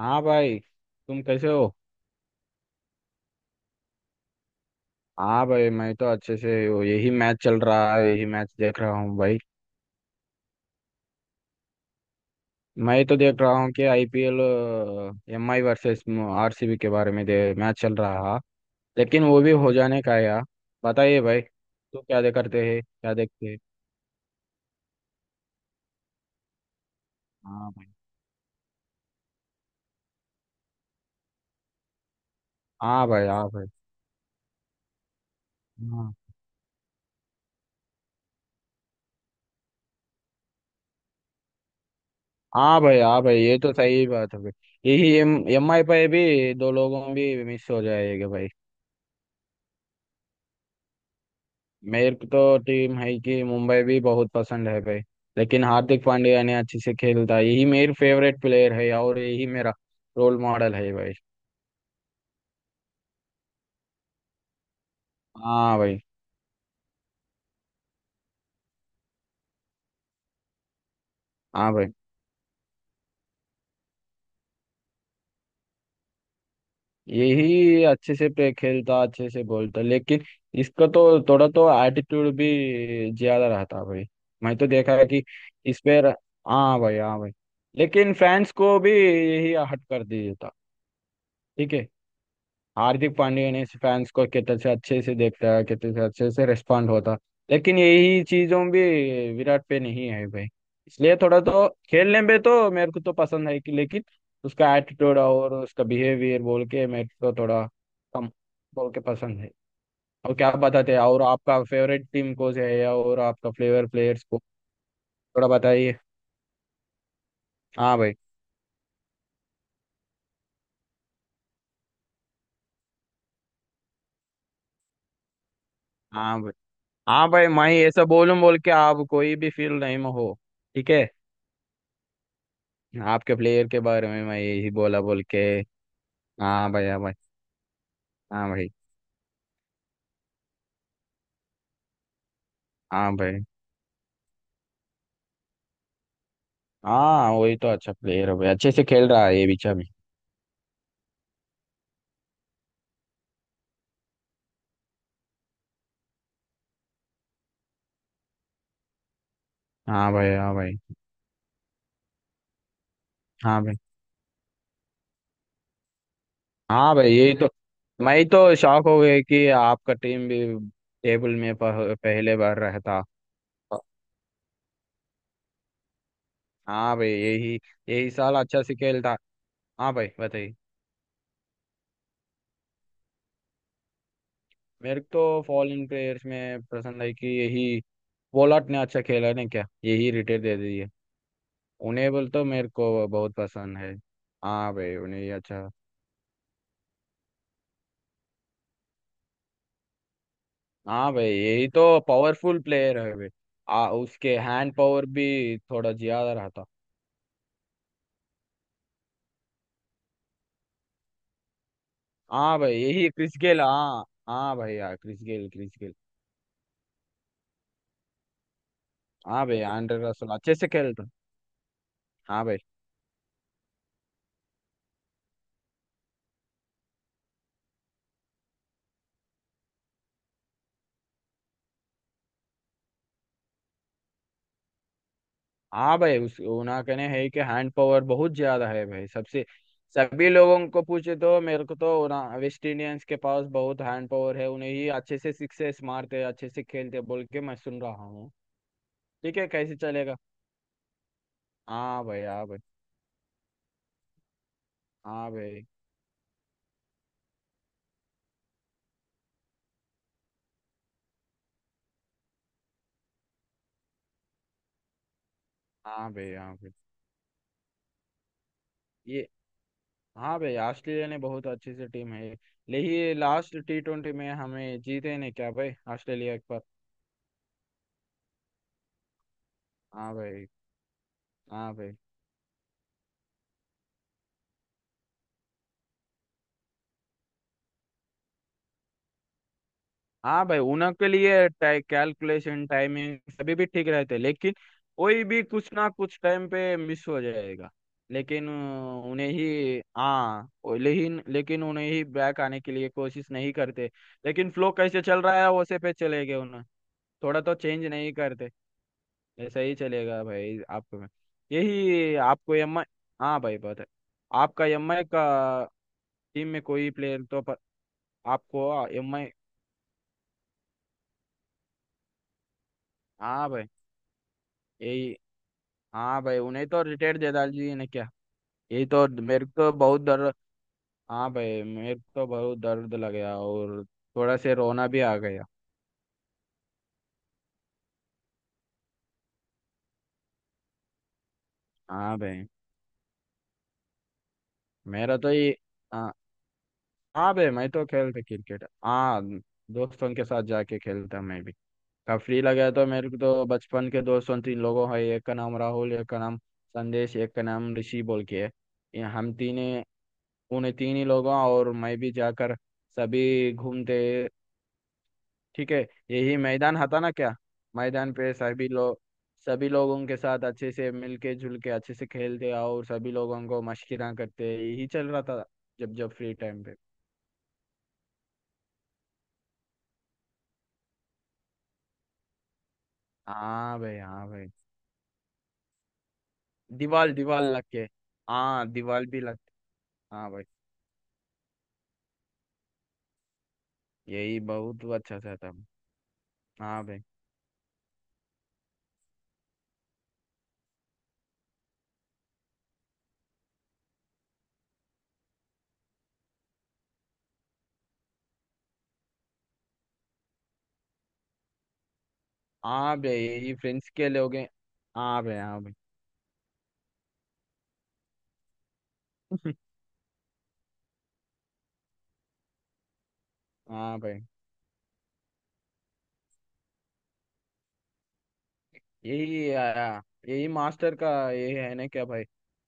हाँ भाई, तुम कैसे हो? हाँ भाई, मैं तो अच्छे से हूँ। यही मैच चल रहा है, यही मैच देख रहा हूँ भाई। मैं तो देख रहा हूँ कि IPL M I versus RCB के बारे में मैच चल रहा है। लेकिन वो भी हो जाने का है यार। बताइए भाई, तू क्या दे करते हैं, क्या देखते हैं? हाँ भाई हाँ भाई हाँ भाई। हाँ हाँ भाई हाँ भाई, ये तो सही बात है भाई। यही एम एम आई पे भी दो लोगों भी मिस हो जाएगा भाई। मेरे को तो टीम है कि मुंबई भी बहुत पसंद है भाई। लेकिन हार्दिक पांड्या ने अच्छे से खेलता है, यही मेरे फेवरेट प्लेयर है और यही मेरा रोल मॉडल है भाई। हाँ भाई हाँ भाई। यही अच्छे से प्ले खेलता, अच्छे से बोलता, लेकिन इसका तो थोड़ा तो एटीट्यूड भी ज्यादा रहता भाई। मैं तो देखा है कि इस पे। हाँ भाई हाँ भाई। लेकिन फैंस को भी यही हट कर दिया था। ठीक है। हार्दिक पांड्या ने फैंस को कितने से अच्छे से देखता है, कितने से अच्छे से रिस्पॉन्ड होता। लेकिन यही चीजों भी विराट पे नहीं है भाई। इसलिए थोड़ा तो खेलने में तो मेरे को तो पसंद है कि, लेकिन उसका एटीट्यूड और उसका बिहेवियर बोल के मेरे को थोड़ा कम बोल के पसंद है। और क्या बताते हैं, और आपका फेवरेट टीम कोच है या और आपका फ्लेवर प्लेयर्स को थोड़ा बताइए। हाँ भाई हाँ भाई हाँ भाई। मैं ऐसा बोलूं बोल के आप कोई भी फील नहीं में हो? ठीक है। आपके प्लेयर के बारे में मैं यही बोला बोल के। हाँ भाई हाँ भाई हाँ भाई हाँ भाई। हाँ वही तो अच्छा प्लेयर है भाई, अच्छे से खेल रहा है ये बीचा भी। हाँ भाई हाँ भाई हाँ भाई हाँ भाई। यही तो। मैं तो शॉक हो गया कि आपका टीम भी टेबल में पहले बार रहता। हाँ भाई यही। यही साल अच्छा से खेलता। हाँ भाई बताइए। मेरे को तो फॉरेन प्लेयर्स में पसंद है कि यही पोलार्ड ने अच्छा खेला नहीं क्या, यही रिटेल दे दी है। उन्हें बोल तो मेरे को बहुत पसंद है। हाँ भाई उन्हें ही अच्छा। हाँ भाई यही तो पावरफुल प्लेयर है भाई। आ उसके हैंड पावर भी थोड़ा ज्यादा रहता। हाँ भाई यही क्रिस गेल, हाँ हाँ भाई, हाँ क्रिस गेल क्रिस गेल। हाँ भाई एंड्रे रसल अच्छे से खेलता। हाँ भाई हाँ भाई। उस उन्हें कहने है कि हैंड पावर बहुत ज्यादा है भाई, सबसे सभी लोगों को पूछे तो मेरे को तो ना, वेस्ट इंडियंस के पास बहुत हैंड पावर है, उन्हें ही अच्छे से सिक्सेस मारते अच्छे से खेलते बोल के मैं सुन रहा हूँ। ठीक है, कैसे चलेगा। हाँ भाई हाँ भाई हाँ भाई हाँ भाई हाँ भाई। ये। हाँ भाई, ऑस्ट्रेलिया ने बहुत अच्छी सी टीम है। लेकिन लास्ट T20 में हमें जीते नहीं क्या भाई ऑस्ट्रेलिया के पास? हाँ भाई हाँ भाई हाँ भाई। उनके लिए कैलकुलेशन, टाइमिंग सभी भी ठीक रहते, लेकिन कोई भी कुछ ना कुछ टाइम पे मिस हो जाएगा। लेकिन अ, उन्हें ही, लेकिन लेकिन उन्हें ही बैक आने के लिए कोशिश नहीं करते। लेकिन फ्लो कैसे चल रहा है वैसे पे चले गए उन्हें, थोड़ा तो चेंज नहीं करते। ऐसा ही चलेगा भाई आपको। यही आपको एम आई। हाँ भाई बात है। आपका एम आई का टीम में कोई प्लेयर तो आपको एम आई। हाँ भाई यही। हाँ भाई उन्हें तो रिटायर दे डाल जी ने क्या। यही तो मेरे को तो बहुत दर्द। हाँ भाई मेरे को तो बहुत दर्द लग गया, और थोड़ा से रोना भी आ गया। हाँ भाई। मेरा तो ये, हाँ हाँ भाई, मैं तो खेलता क्रिकेट, हाँ। दोस्तों के साथ जाके खेलता मैं भी। काफी लगा तो मेरे को तो बचपन के दोस्तों तीन लोगों है, एक का नाम राहुल, एक का नाम संदेश, एक का नाम ऋषि बोल के है। ये हम तीन, उन्हें तीन ही लोगों और मैं भी जाकर सभी घूमते। ठीक है। यही मैदान था ना क्या। मैदान पे सभी लोग, सभी लोगों के साथ अच्छे से मिलके जुल के अच्छे से खेलते और सभी लोगों को मशकिरा करते यही चल रहा था, जब जब फ्री टाइम पे। हाँ भाई हाँ भाई। दीवार दीवार लग के। हाँ दीवार भी लग। हाँ भाई यही बहुत अच्छा से आता है। हाँ भाई हाँ भाई। यही फ्रेंड्स के लिए हो गए। हाँ भाई हाँ भाई। हाँ भाई यही आया। यही मास्टर का ये है ना क्या भाई।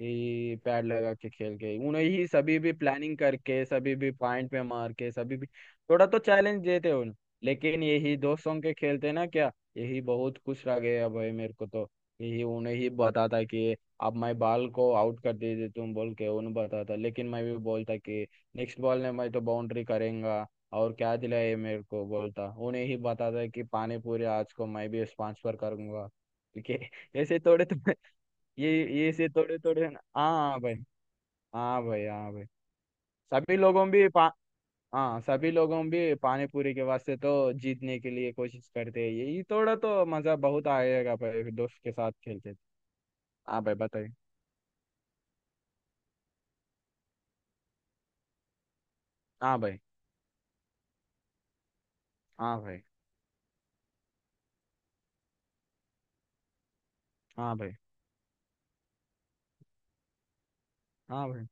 यही पैड लगा के खेल के उन्हें ही सभी भी प्लानिंग करके सभी भी पॉइंट पे मार के सभी भी थोड़ा तो चैलेंज देते उन। लेकिन यही दोस्तों के खेलते ना क्या, यही बहुत खुश रह गया भाई मेरे को तो। यही उन्हें ही बताता कि अब मैं बॉल को आउट कर दीजिए तुम बोल के उन्हें बताता, लेकिन मैं भी बोलता कि नेक्स्ट बॉल में मैं तो बाउंड्री करेंगा, और क्या दिलाए मेरे को, बोलता उन्हें ही बताता कि पानी पूरी आज को मैं भी स्पॉन्सर करूंगा के, ऐसे थोड़े थोड़े। ये ये ऐसे थोड़े थोड़े ना। हाँ भाई हाँ भाई हाँ भाई। सभी लोगों भी पा हाँ सभी लोगों भी पानी पूरी के वास्ते तो जीतने के लिए कोशिश करते हैं, ये थोड़ा तो मजा बहुत आएगा भाई दोस्त के साथ खेलते तो। हाँ भाई बताइए। हाँ भाई हाँ भाई हाँ भाई हाँ भाई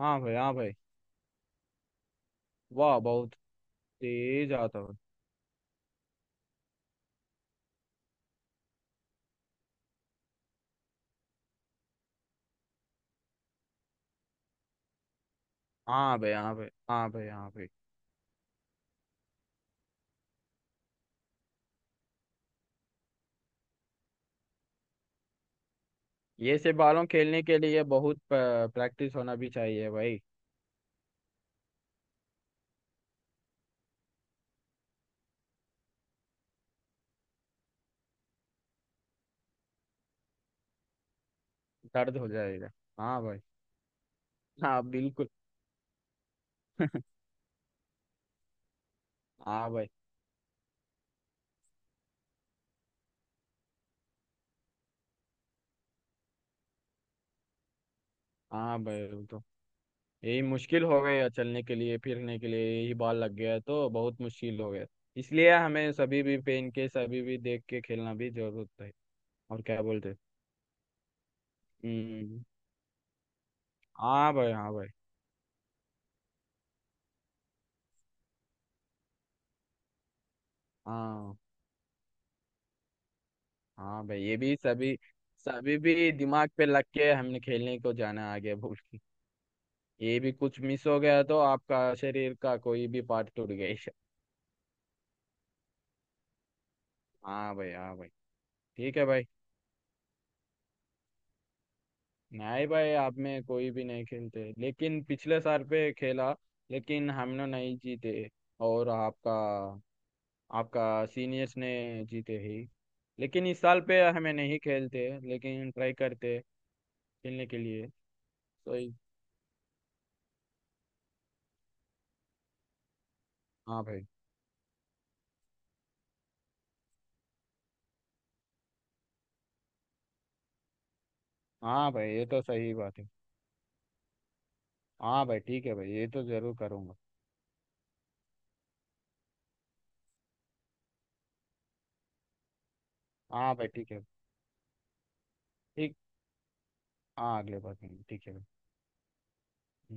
हाँ भाई हाँ भाई। वाह बहुत तेज आता है। हाँ भाई हाँ भाई हाँ भाई हाँ भाई। ये से बालों खेलने के लिए बहुत प्रैक्टिस होना भी चाहिए भाई। दर्द हो जाएगा। हाँ भाई, हाँ बिल्कुल। हाँ भाई हाँ भाई। वो तो यही मुश्किल हो गया चलने के लिए फिरने के लिए, यही बाल लग गया तो बहुत मुश्किल हो गया। इसलिए हमें सभी भी पहन के सभी भी देख के खेलना भी जरूरत है। और क्या बोलते हैं? हम्म। हाँ भाई हाँ भाई। हाँ। हाँ भाई ये भी सभी, सभी भी दिमाग पे लग के हमने खेलने को जाना आगे भूल के। ये भी कुछ मिस हो गया तो आपका शरीर का कोई भी पार्ट टूट गया। हाँ भाई हाँ भाई। ठीक है भाई। नहीं भाई, आप में कोई भी नहीं खेलते, लेकिन पिछले साल पे खेला। लेकिन हम लोग नहीं जीते। और आपका, आपका सीनियर्स ने जीते ही। लेकिन इस साल पे हमें नहीं खेलते, लेकिन ट्राई करते खेलने के लिए। तो ये- हाँ भाई हाँ भाई, ये तो सही बात है। हाँ भाई ठीक है भाई, ये तो जरूर करूँगा। हाँ भाई ठीक है। ठीक, हाँ अगले बार करेंगे, ठीक है भाई। हम्म।